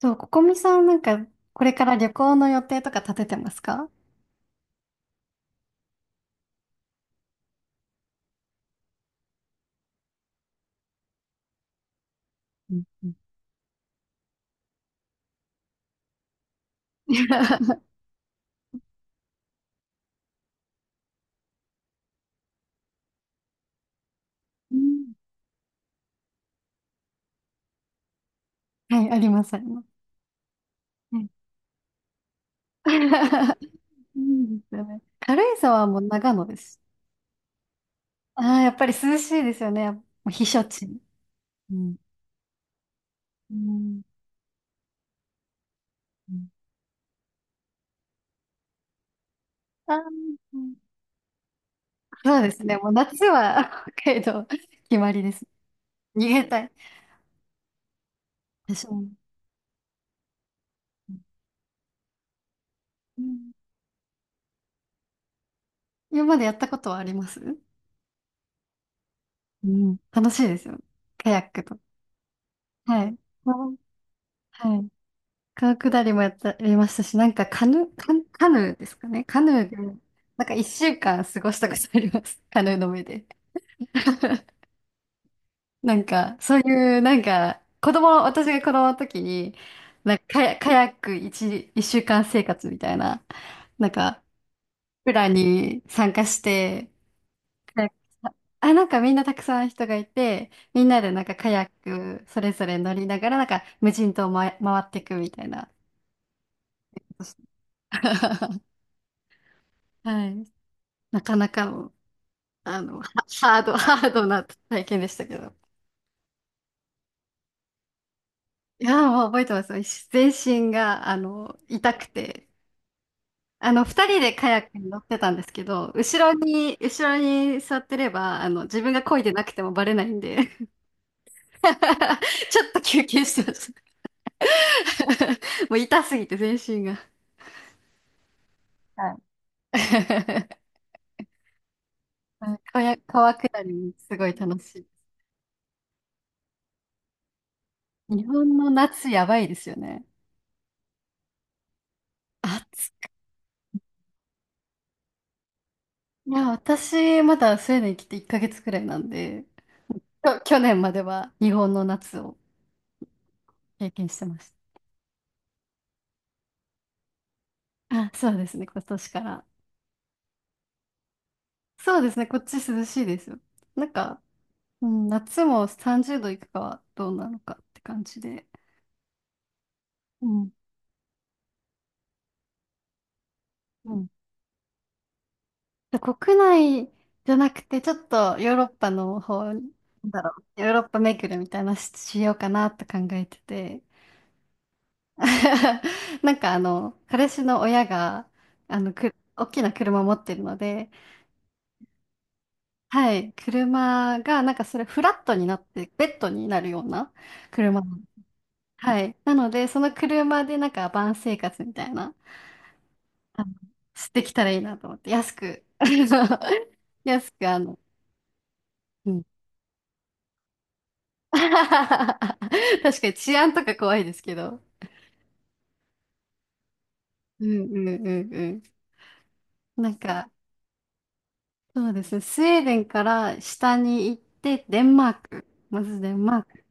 そう、ここみさんなんか、これから旅行の予定とか立ててますか？うんうんうん。はい、あります、あります。はい。 いいですよね。軽井沢はもう長野です。ああ、やっぱり涼しいですよね。もう避暑地。うんうんうん。あー。うん。そうですね。もう夏は 北海道決まりです。逃げたい。私も。うん。今までやったことはあります？うん、楽しいですよ。カヤックと。はい。うん。はい。川下りもやった、やりましたし、なんかカヌーですかね。カヌーで、なんか一週間過ごしたことあります。カヌーの上で。なんか、そういう、なんか、子供、私が子供の時に、なんかカヤック一週間生活みたいな、なんか、プランに参加して、カヤック。あ、なんかみんなたくさん人がいて、みんなでなんかカヤックそれぞれ乗りながら、なんか無人島をま、回っていくみたいなことして。はい。なかなかの、あの、ハードな体験でしたけど。いやー、もう覚えてます。全身が、あの、痛くて。あの、2人でカヤックに乗ってたんですけど、後ろに座ってれば、あの、自分が漕いでなくてもバレないんで、ちょっと休憩してました。もう痛すぎて、全身が。はい。うん、川下り、すごい楽しい。日本の夏やばいですよね。暑い。いや、私、まだスウェーデン来て1ヶ月くらいなんで、去年までは日本の夏を経験してました。あ、そうですね、今年から。そうですね、こっち涼しいですよ。なんか、うん、夏も30度いくかはどうなのかって感じで。うん。うん。で、国内じゃなくて、ちょっとヨーロッパの方、なんだろう、ヨーロッパ巡るみたいなしようかなって考えてて。なんかあの、彼氏の親が、あの、大きな車持ってるので、はい。車が、なんかそれフラットになって、ベッドになるような車なの。はい。なので、その車でなんかバン生活みたいな、あの、してきたらいいなと思って、安く、安く、あの、うん。確かに治安とか怖いですけど。うんうんうんうん。なんか、そうですね。スウェーデンから下に行って、デンマーク。まずデンマーク。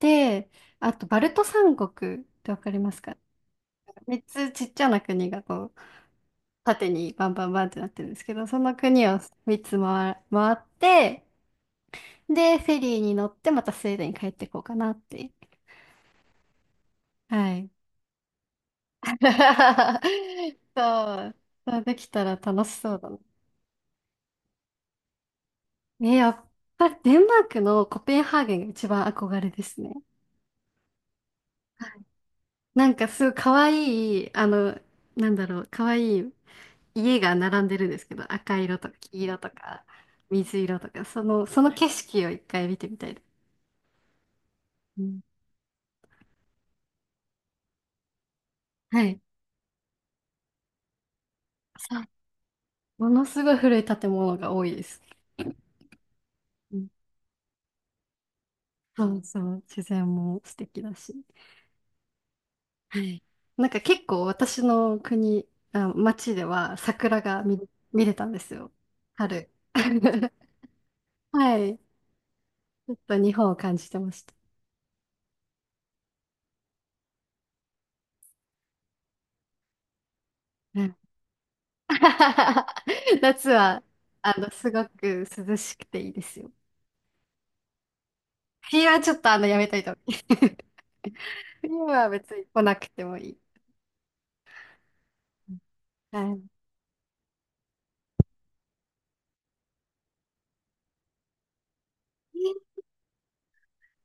で、あと、バルト三国ってわかりますか？3つちっちゃな国がこう、縦にバンバンバンってなってるんですけど、その国を3つ回って、で、フェリーに乗ってまたスウェーデンに帰ってこうかなって。はい。そう。そうできたら楽しそうだな。ね、やっぱりデンマークのコペンハーゲンが一番憧れですね。はい。なんかすごい可愛い、あの、なんだろう、可愛い家が並んでるんですけど、赤色とか黄色とか水色とか、その景色を一回見てみたいです。うん。はい。そう。ものすごい古い建物が多いです。うん、そうそう、自然も素敵だし。はい。なんか結構私の国、あ、町では桜が見れたんですよ。春。はい。ちょっと日本を感じてました。うん。 夏は、あの、すごく涼しくていいですよ。冬はちょっとあの、やめといた方がいい。冬は別に来なくてもいい。はい。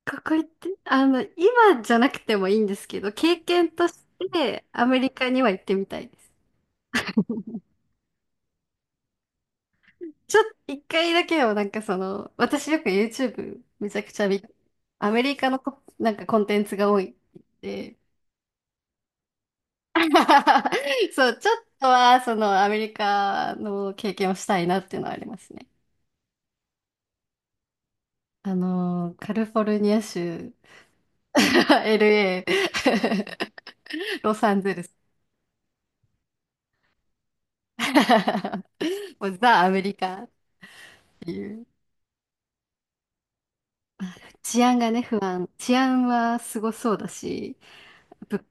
学校行って、あの、今じゃなくてもいいんですけど、経験としてアメリカには行ってみたいです。ちょっと1回だけをなんかその、私よく YouTube めちゃくちゃ見、アメリカのこなんかコンテンツが多いで、そう、ちょっとはそのアメリカの経験をしたいなっていうのはありますね。カリフォルニア州、LA、ロサンゼルス もうザ・アメリカっていう。治安がね、不安。治安はすごそうだし、物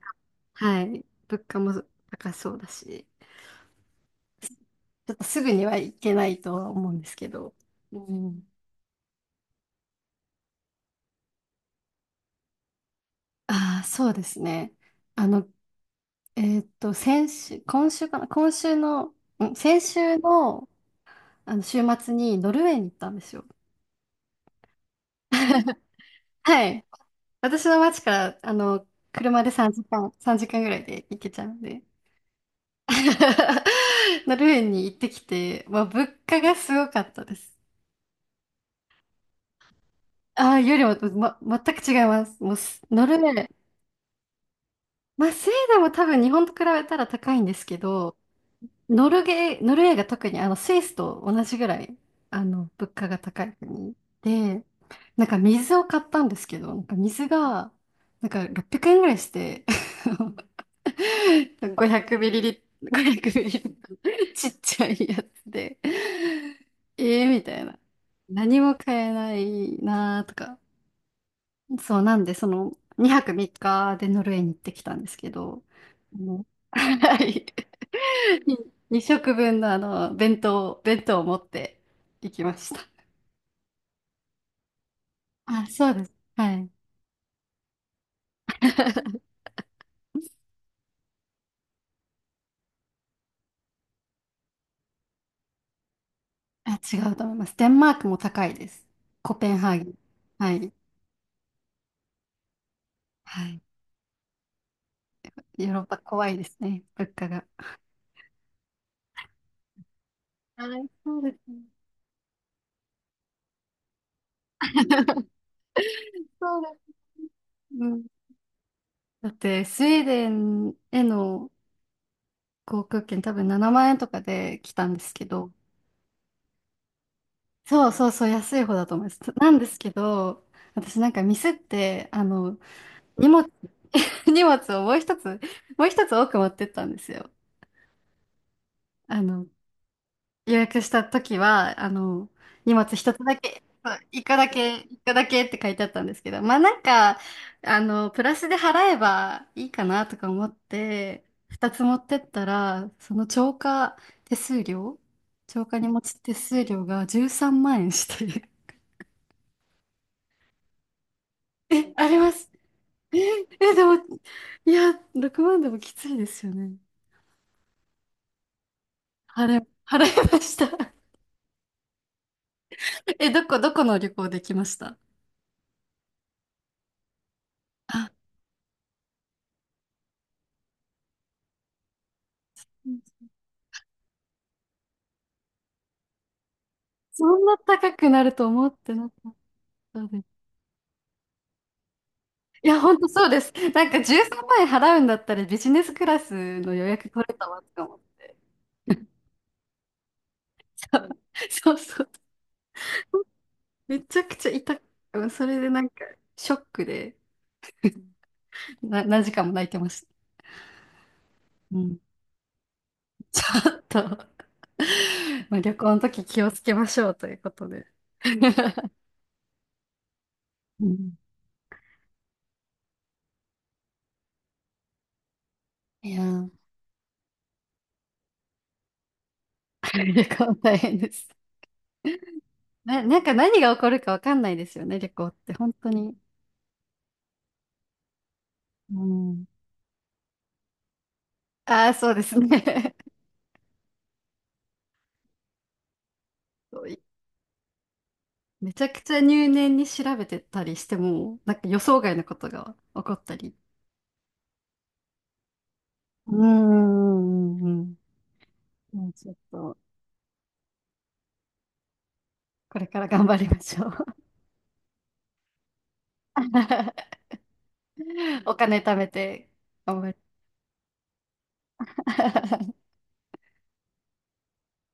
価、はい、物価も高そうだし、ちょっとすぐには行けないとは思うんですけど。うん。ああ、そうですね。あの、先週、今週かな、今週の、うん、先週の、あの週末にノルウェーに行ったんですよ。はい。私の町から、あの、車で3時間ぐらいで行けちゃうんで。ノルウェーに行ってきて、まあ、物価がすごかったです。ああ、よりも、ま、全く違います。もうす、ノルウェー、まあ、スウェーデンも多分日本と比べたら高いんですけど、ノルウェーが特にあのスイスと同じぐらい、あの、物価が高い国で、なんか水を買ったんですけど、なんか水が、なんか600円ぐらいして、500ミリリッ500ミリリットルちっちゃいやつで、えー、みたいな。何も買えないなーとか。そうなんで、その2泊3日でノルウェーに行ってきたんですけど、もう はい。2食分のあの、弁当を持って行きました。あ、そうです。はい。あ、違うと思います。デンマークも高いです。コペンハーゲン。はい。はい。ヨーロッパ怖いですね。物価が。はい、そうですね。そうです。うん。だって、スウェーデンへの航空券多分7万円とかで来たんですけど、そうそうそう、安い方だと思います。なんですけど、私なんかミスって、あの、荷物、荷物をもう一つ多く持ってったんですよ。あの、予約した時は、あの、荷物一つだけ、そう一個だけって書いてあったんですけど、まあなんか、あの、プラスで払えばいいかなとか思って、2つ持ってったら、その超過手数料、超過荷物手数料が13万円して、え、あります。え、でも、いや、6万でもきついですよね。払いました。え、どこの旅行で来ました？あ、そんな高くなると思ってなかったです。いや、ほんとそうです。なんか13万円払うんだったらビジネスクラスの予約取れたわとか思って。そうそう。めちゃくちゃ痛く、それでなんかショックで何時間も泣いてました。うん。ちょっと、まあ、旅行の時気をつけましょうということで。うん。いやー、旅行大変です。なんか何が起こるかわかんないですよね、旅行って。本当に。うん。ああ、そうですね。そうい、めちゃくちゃ入念に調べてたりしても、なんか予想外のことが起こったり。うーん、うんうん、もうちょっと、これから頑張りましょう。お金貯めて、頑張り。